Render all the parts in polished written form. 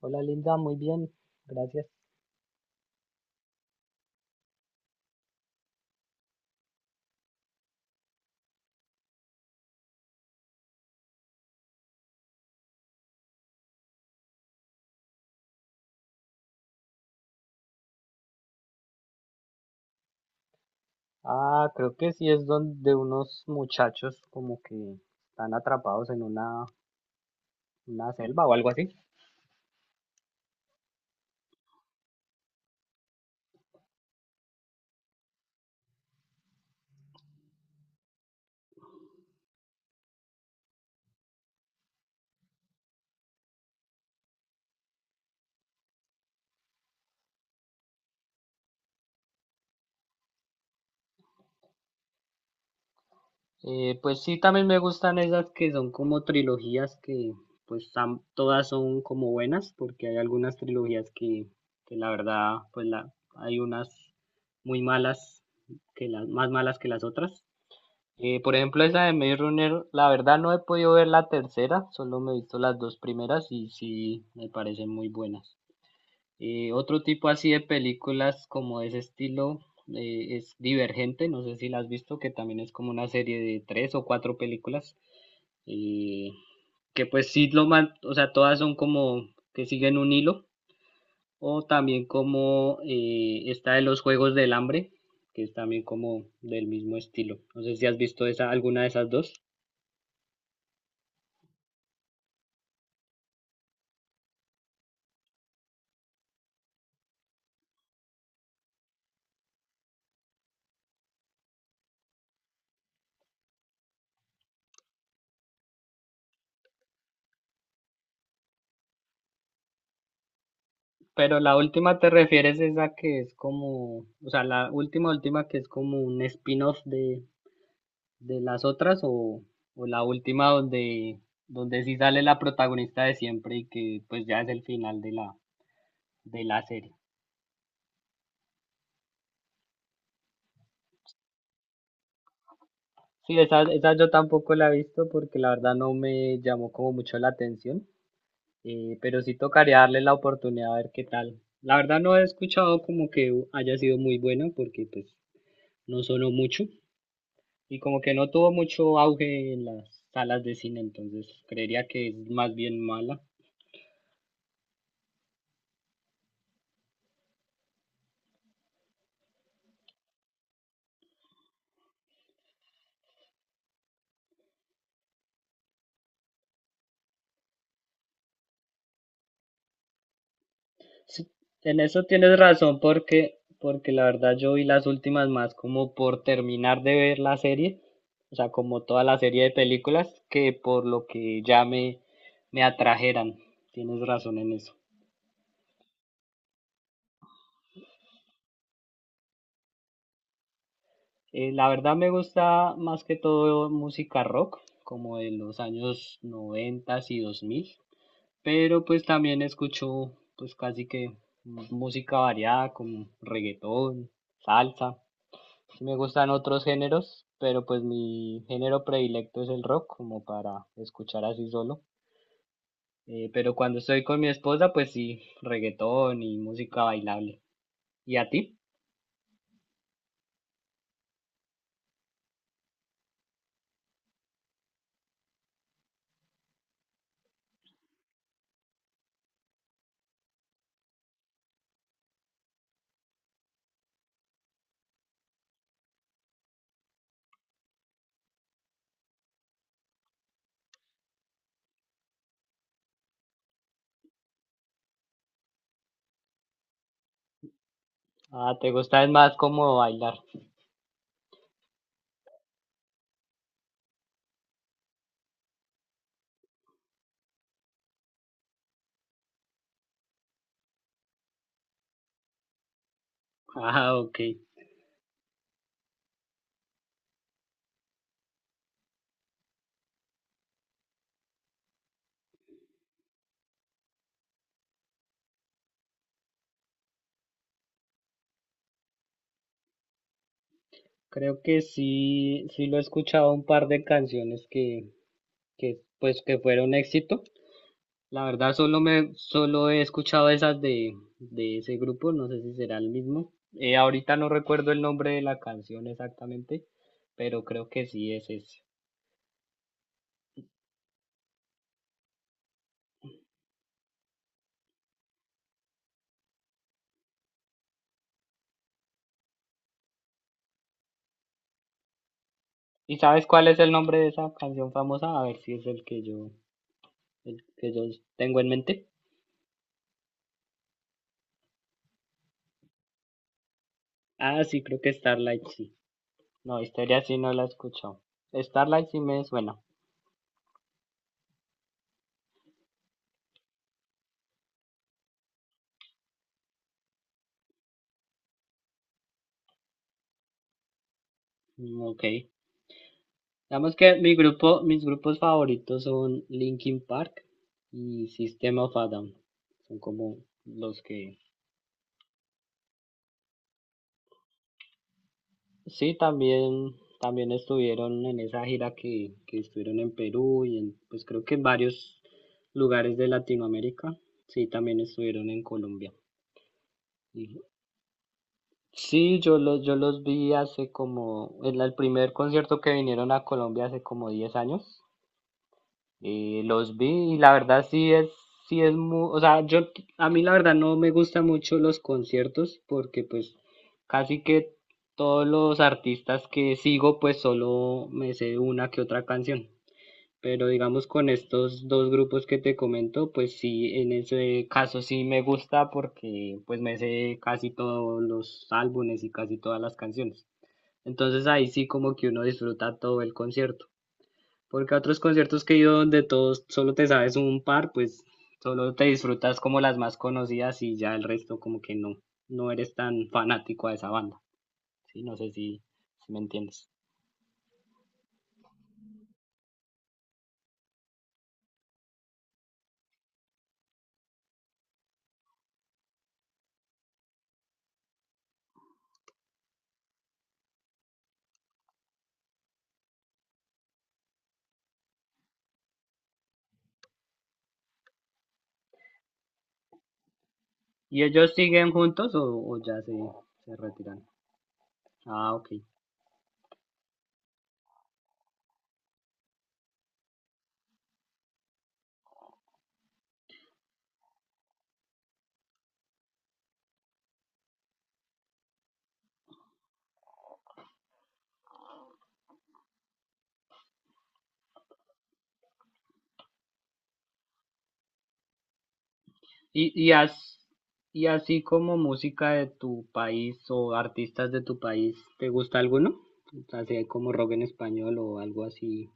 Hola Linda, muy bien, gracias. Ah, creo que sí, es donde unos muchachos como que están atrapados en una selva o algo así. Pues sí, también me gustan esas que son como trilogías que todas son como buenas, porque hay algunas trilogías que la verdad pues la, hay unas muy malas, que las más malas que las otras. Por ejemplo, esa de Maze Runner, la verdad no he podido ver la tercera, solo me he visto las dos primeras y sí me parecen muy buenas. Otro tipo así de películas como de ese estilo es Divergente, no sé si la has visto, que también es como una serie de tres o cuatro películas, eh, que pues sí o sea, todas son como que siguen un hilo, o también como esta de los Juegos del Hambre, que es también como del mismo estilo. No sé si has visto esa, alguna de esas dos. Pero la última, te refieres es a que es como, o sea, la última, que es como un spin-off de las otras, o la última donde, donde sí sale la protagonista de siempre y que pues ya es el final de de la serie. Sí, esa yo tampoco la he visto porque la verdad no me llamó como mucho la atención. Pero sí tocaría darle la oportunidad a ver qué tal. La verdad no he escuchado como que haya sido muy bueno, porque pues no sonó mucho y como que no tuvo mucho auge en las salas de cine, entonces creería que es más bien mala. Sí, en eso tienes razón, porque la verdad yo vi las últimas más como por terminar de ver la serie, o sea, como toda la serie de películas, que por lo que ya me atrajeran. Tienes razón en eso. La verdad me gusta más que todo música rock, como de los años 90 y 2000, pero pues también escucho pues casi que música variada, como reggaetón, salsa. Sí, me gustan otros géneros, pero pues mi género predilecto es el rock, como para escuchar así solo. Pero cuando estoy con mi esposa, pues sí, reggaetón y música bailable. ¿Y a ti? Ah, ¿te gusta es más como bailar? Ah, ok. Creo que sí, sí lo he escuchado, un par de canciones que pues que fueron éxito. La verdad solo he escuchado esas de ese grupo, no sé si será el mismo. Ahorita no recuerdo el nombre de la canción exactamente, pero creo que sí es ese. ¿Y sabes cuál es el nombre de esa canción famosa? A ver si es el que yo tengo en mente. Ah, sí, creo que Starlight sí. No, Histeria sí no la he escuchado. Starlight sí me suena. Mm, ok. Digamos que mis grupos favoritos son Linkin Park y System of a Down. Son como los que sí también estuvieron en esa gira que estuvieron en Perú y en, pues creo que en varios lugares de Latinoamérica. Sí, también estuvieron en Colombia. Y- Sí, yo los vi hace como en el primer concierto que vinieron a Colombia, hace como 10 años. Y los vi y la verdad sí es muy, o sea, yo, a mí la verdad no me gustan mucho los conciertos, porque pues casi que todos los artistas que sigo pues solo me sé una que otra canción. Pero digamos con estos dos grupos que te comento, pues sí, en ese caso sí me gusta porque pues me sé casi todos los álbumes y casi todas las canciones. Entonces ahí sí, como que uno disfruta todo el concierto. Porque a otros conciertos que he ido donde todos solo te sabes un par, pues solo te disfrutas como las más conocidas y ya el resto como que no, no eres tan fanático a esa banda. Sí, no sé si, si me entiendes. ¿Y ellos siguen juntos o, se retiran? Ah, ok. ¿Y, y, as- ¿Y así como música de tu país o artistas de tu país, te gusta alguno? Así como rock en español o algo así.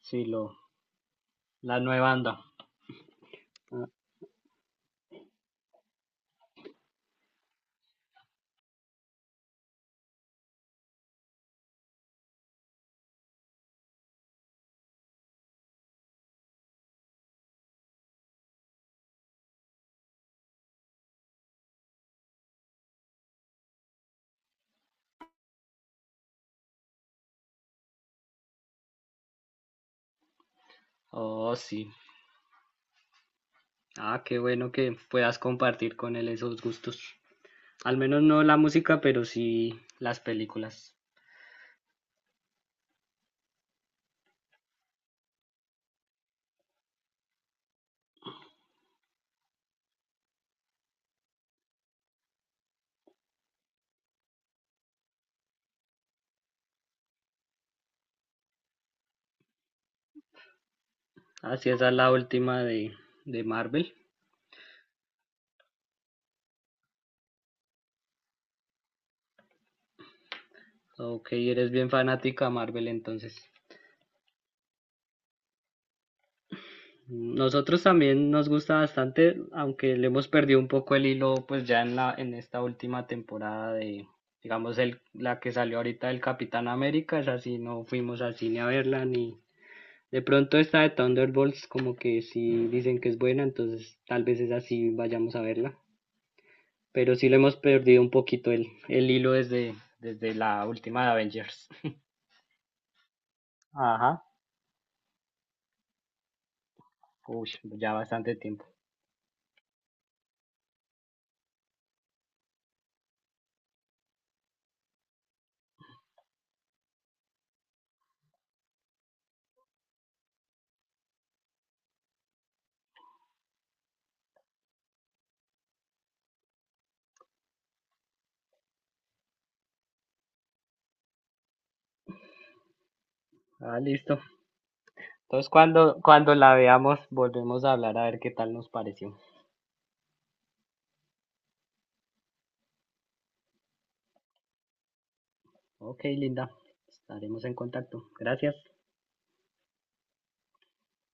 Sí, lo, la nueva banda. Oh, sí. Ah, qué bueno que puedas compartir con él esos gustos. Al menos no la música, pero sí las películas. Así es, esa es la última de Marvel. Ok, eres bien fanática a Marvel entonces. Nosotros también nos gusta bastante, aunque le hemos perdido un poco el hilo, pues ya en en esta última temporada de, digamos, la que salió ahorita del Capitán América, es así, no fuimos al cine a verla ni. De pronto esta de Thunderbolts, como que si dicen que es buena, entonces tal vez es así, vayamos a verla. Pero sí le hemos perdido un poquito el hilo desde, desde la última de Avengers. Ajá, uy, ya bastante tiempo. Ah, listo. Entonces cuando, cuando la veamos, volvemos a hablar a ver qué tal nos pareció. Ok, Linda. Estaremos en contacto. Gracias.